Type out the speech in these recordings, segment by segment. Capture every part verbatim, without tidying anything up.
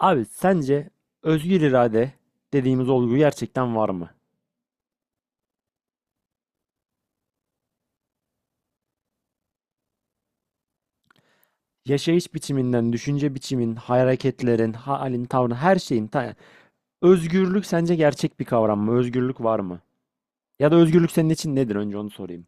Abi sence özgür irade dediğimiz olgu gerçekten var mı? Yaşayış biçiminden, düşünce biçimin, hareketlerin, halin, tavrın, her şeyin. Ta- özgürlük sence gerçek bir kavram mı? Özgürlük var mı? Ya da özgürlük senin için nedir? Önce onu sorayım.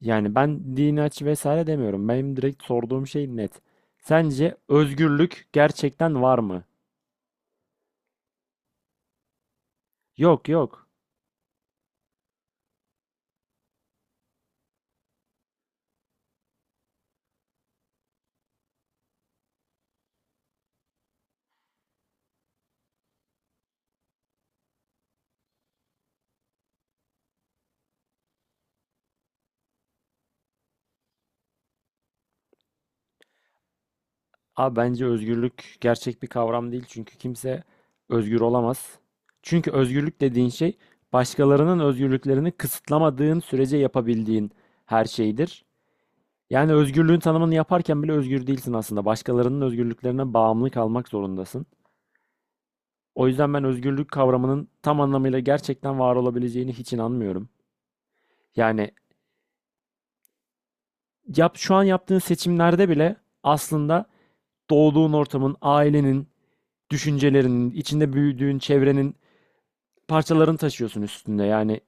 Yani ben dini aç vesaire demiyorum. Benim direkt sorduğum şey net. Sence özgürlük gerçekten var mı? Yok yok. Abi bence özgürlük gerçek bir kavram değil çünkü kimse özgür olamaz. Çünkü özgürlük dediğin şey başkalarının özgürlüklerini kısıtlamadığın sürece yapabildiğin her şeydir. Yani özgürlüğün tanımını yaparken bile özgür değilsin aslında. Başkalarının özgürlüklerine bağımlı kalmak zorundasın. O yüzden ben özgürlük kavramının tam anlamıyla gerçekten var olabileceğini hiç inanmıyorum. Yani yap şu an yaptığın seçimlerde bile aslında doğduğun ortamın, ailenin, düşüncelerinin, içinde büyüdüğün çevrenin parçalarını taşıyorsun üstünde. Yani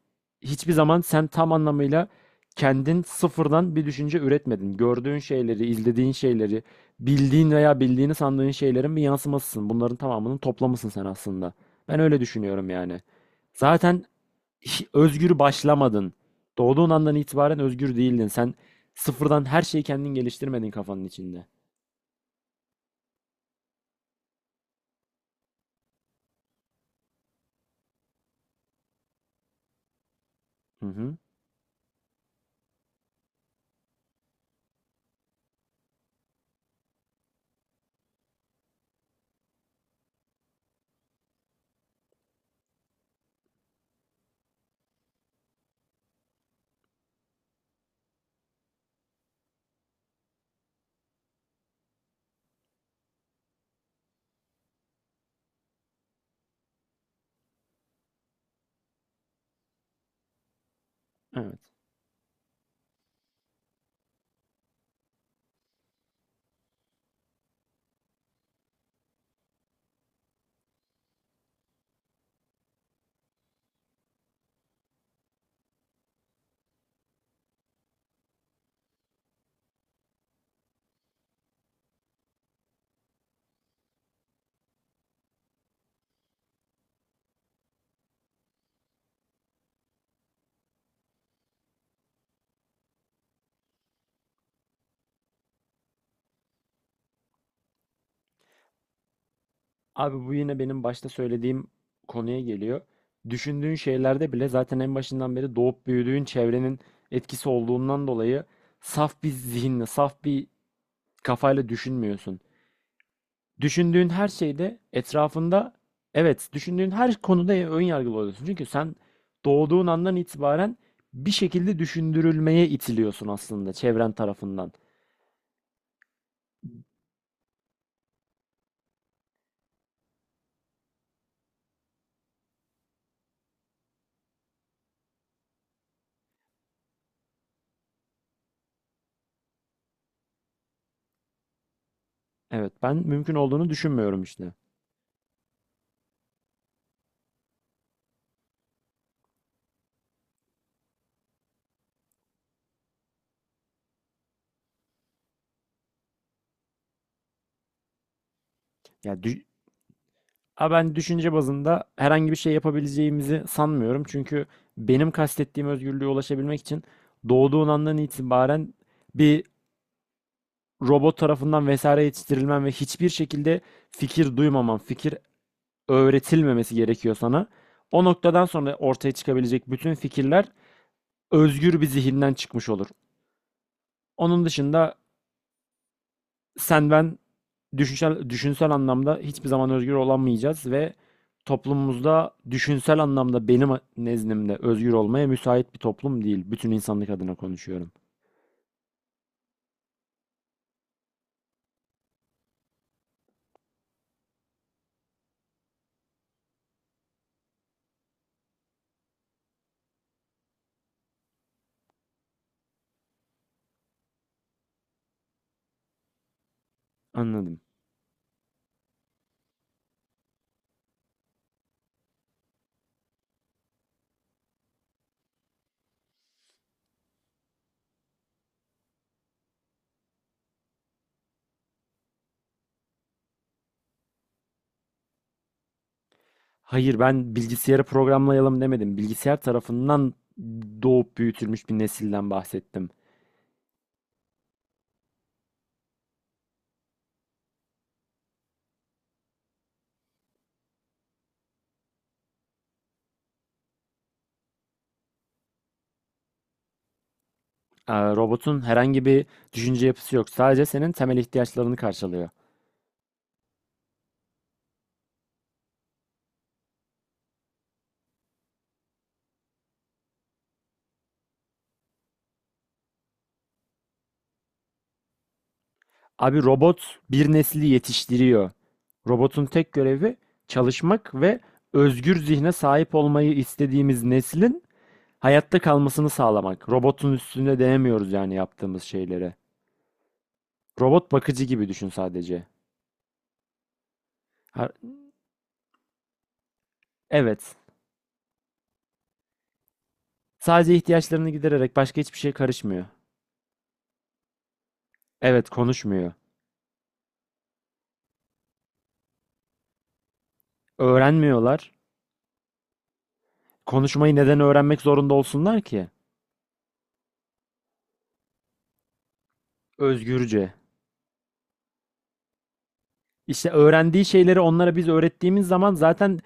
hiçbir zaman sen tam anlamıyla kendin sıfırdan bir düşünce üretmedin. Gördüğün şeyleri, izlediğin şeyleri, bildiğin veya bildiğini sandığın şeylerin bir yansımasısın. Bunların tamamının toplamısın sen aslında. Ben öyle düşünüyorum yani. Zaten hi- özgür başlamadın. Doğduğun andan itibaren özgür değildin. Sen sıfırdan her şeyi kendin geliştirmedin kafanın içinde. Hı hı. Evet. Abi bu yine benim başta söylediğim konuya geliyor. Düşündüğün şeylerde bile zaten en başından beri doğup büyüdüğün çevrenin etkisi olduğundan dolayı saf bir zihinle, saf bir kafayla düşünmüyorsun. Düşündüğün her şeyde etrafında evet, düşündüğün her konuda ön yargılı oluyorsun. Çünkü sen doğduğun andan itibaren bir şekilde düşündürülmeye itiliyorsun aslında çevren tarafından. Evet, ben mümkün olduğunu düşünmüyorum işte. Ya dü- Ama ben düşünce bazında herhangi bir şey yapabileceğimizi sanmıyorum. Çünkü benim kastettiğim özgürlüğe ulaşabilmek için doğduğun andan itibaren bir robot tarafından vesaire yetiştirilmen ve hiçbir şekilde fikir duymaman, fikir öğretilmemesi gerekiyor sana. O noktadan sonra ortaya çıkabilecek bütün fikirler özgür bir zihinden çıkmış olur. Onun dışında sen ben düşünsel, düşünsel anlamda hiçbir zaman özgür olamayacağız ve toplumumuzda düşünsel anlamda benim nezdimde özgür olmaya müsait bir toplum değil. Bütün insanlık adına konuşuyorum. Anladım. Hayır ben bilgisayarı programlayalım demedim. Bilgisayar tarafından doğup büyütülmüş bir nesilden bahsettim. Ee, Robotun herhangi bir düşünce yapısı yok. Sadece senin temel ihtiyaçlarını karşılıyor. Abi robot bir nesli yetiştiriyor. Robotun tek görevi çalışmak ve özgür zihne sahip olmayı istediğimiz neslin hayatta kalmasını sağlamak. Robotun üstüne denemiyoruz yani yaptığımız şeylere. Robot bakıcı gibi düşün sadece. Ha- evet. Sadece ihtiyaçlarını gidererek başka hiçbir şey karışmıyor. Evet, konuşmuyor. Öğrenmiyorlar. Konuşmayı neden öğrenmek zorunda olsunlar ki? Özgürce. İşte öğrendiği şeyleri onlara biz öğrettiğimiz zaman zaten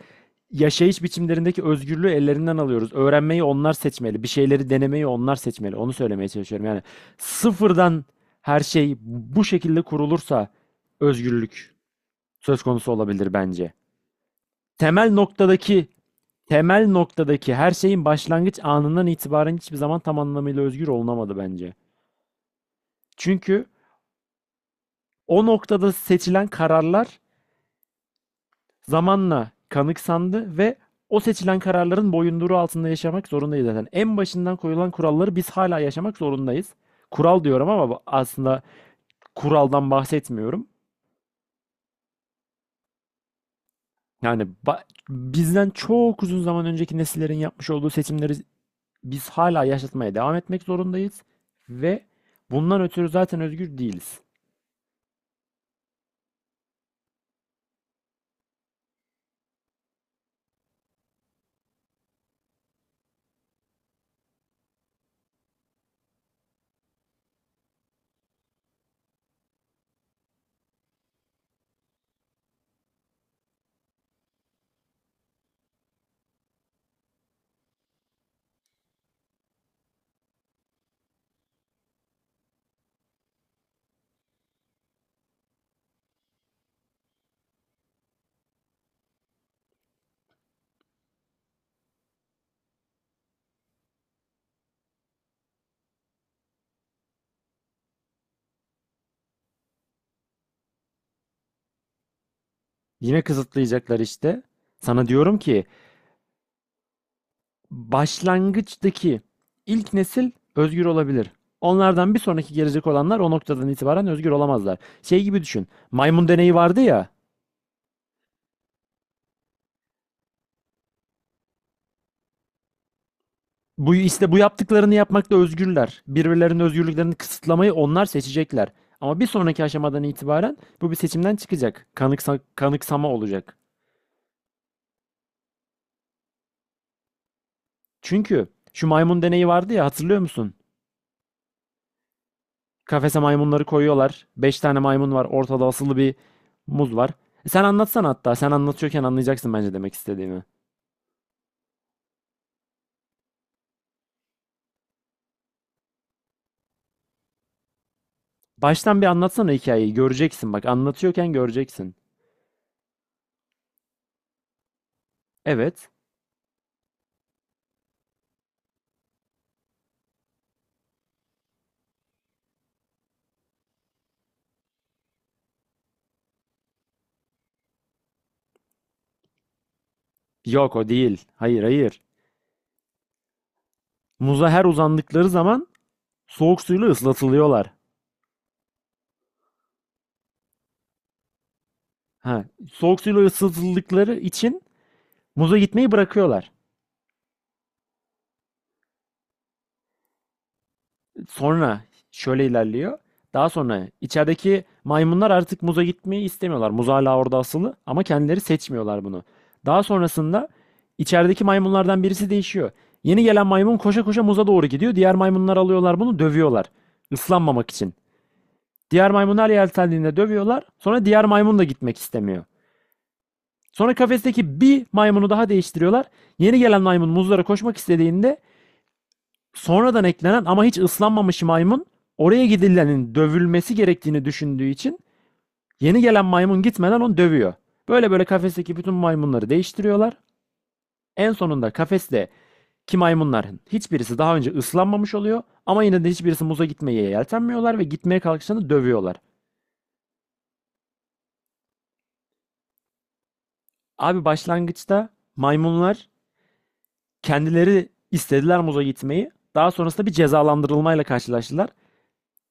yaşayış biçimlerindeki özgürlüğü ellerinden alıyoruz. Öğrenmeyi onlar seçmeli. Bir şeyleri denemeyi onlar seçmeli. Onu söylemeye çalışıyorum. Yani sıfırdan her şey bu şekilde kurulursa özgürlük söz konusu olabilir bence. Temel noktadaki temel noktadaki her şeyin başlangıç anından itibaren hiçbir zaman tam anlamıyla özgür olunamadı bence. Çünkü o noktada seçilen kararlar zamanla kanıksandı ve o seçilen kararların boyunduruğu altında yaşamak zorundayız zaten. En başından koyulan kuralları biz hala yaşamak zorundayız. Kural diyorum ama aslında kuraldan bahsetmiyorum. Yani ba- bizden çok uzun zaman önceki nesillerin yapmış olduğu seçimleri biz hala yaşatmaya devam etmek zorundayız ve bundan ötürü zaten özgür değiliz. Yine kısıtlayacaklar işte. Sana diyorum ki başlangıçtaki ilk nesil özgür olabilir. Onlardan bir sonraki gelecek olanlar o noktadan itibaren özgür olamazlar. Şey gibi düşün. Maymun deneyi vardı ya. Bu işte bu yaptıklarını yapmakta özgürler. Birbirlerinin özgürlüklerini kısıtlamayı onlar seçecekler. Ama bir sonraki aşamadan itibaren bu bir seçimden çıkacak. Kanıksa, kanıksama olacak. Çünkü şu maymun deneyi vardı ya, hatırlıyor musun? Kafese maymunları koyuyorlar. Beş tane maymun var. Ortada asılı bir muz var. E sen anlatsana hatta. Sen anlatıyorken anlayacaksın bence demek istediğimi. Baştan bir anlatsana hikayeyi. Göreceksin bak. Anlatıyorken göreceksin. Evet. Yok o değil. Hayır hayır. Muza her uzandıkları zaman soğuk suyla ıslatılıyorlar. Ha, soğuk suyla ıslatıldıkları için muza gitmeyi bırakıyorlar. Sonra şöyle ilerliyor. Daha sonra içerideki maymunlar artık muza gitmeyi istemiyorlar. Muz hala orada asılı ama kendileri seçmiyorlar bunu. Daha sonrasında içerideki maymunlardan birisi değişiyor. Yeni gelen maymun koşa koşa muza doğru gidiyor. Diğer maymunlar alıyorlar bunu, dövüyorlar. Islanmamak için. Diğer maymunlar yeltendiğinde dövüyorlar. Sonra diğer maymun da gitmek istemiyor. Sonra kafesteki bir maymunu daha değiştiriyorlar. Yeni gelen maymun muzlara koşmak istediğinde sonradan eklenen ama hiç ıslanmamış maymun oraya gidilenin dövülmesi gerektiğini düşündüğü için yeni gelen maymun gitmeden onu dövüyor. Böyle böyle kafesteki bütün maymunları değiştiriyorlar. En sonunda kafeste ki maymunların hiçbirisi daha önce ıslanmamış oluyor ama yine de hiçbirisi muza gitmeye yeltenmiyorlar ve gitmeye kalkışlarında dövüyorlar. Abi başlangıçta maymunlar kendileri istediler muza gitmeyi. Daha sonrasında bir cezalandırılmayla karşılaştılar.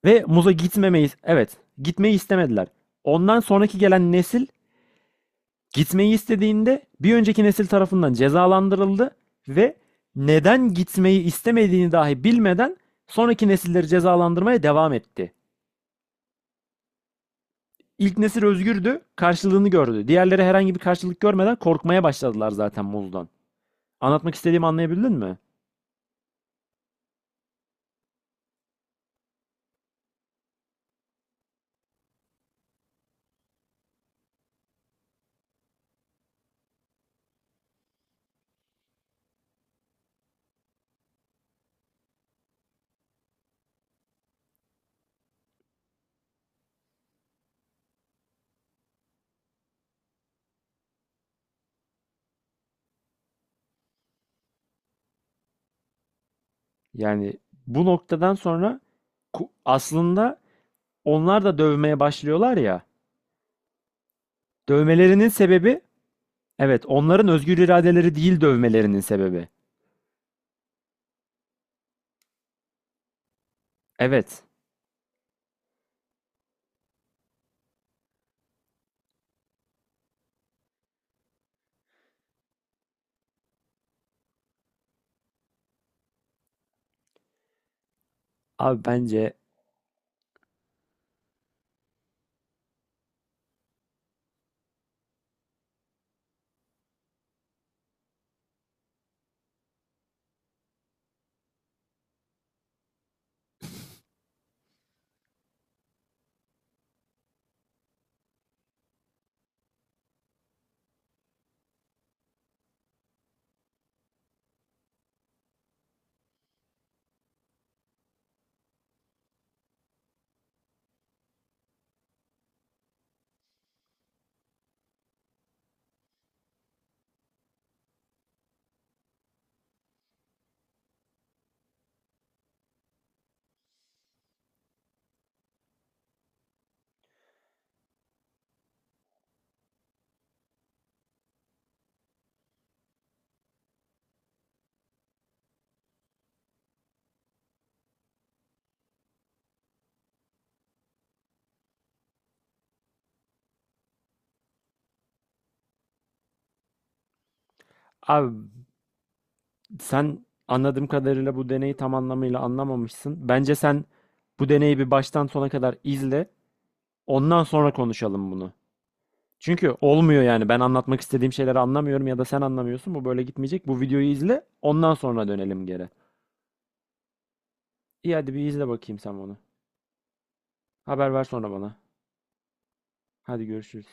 Ve muza gitmemeyi, evet, gitmeyi istemediler. Ondan sonraki gelen nesil gitmeyi istediğinde bir önceki nesil tarafından cezalandırıldı ve neden gitmeyi istemediğini dahi bilmeden sonraki nesilleri cezalandırmaya devam etti. İlk nesil özgürdü, karşılığını gördü. Diğerleri herhangi bir karşılık görmeden korkmaya başladılar zaten muzdan. Anlatmak istediğimi anlayabildin mi? Yani bu noktadan sonra aslında onlar da dövmeye başlıyorlar ya. Dövmelerinin sebebi evet, onların özgür iradeleri değil dövmelerinin sebebi. Evet. Abi bence Abi sen anladığım kadarıyla bu deneyi tam anlamıyla anlamamışsın. Bence sen bu deneyi bir baştan sona kadar izle. Ondan sonra konuşalım bunu. Çünkü olmuyor yani. Ben anlatmak istediğim şeyleri anlamıyorum ya da sen anlamıyorsun. Bu böyle gitmeyecek. Bu videoyu izle. Ondan sonra dönelim geri. İyi, hadi bir izle bakayım sen bunu. Haber ver sonra bana. Hadi görüşürüz.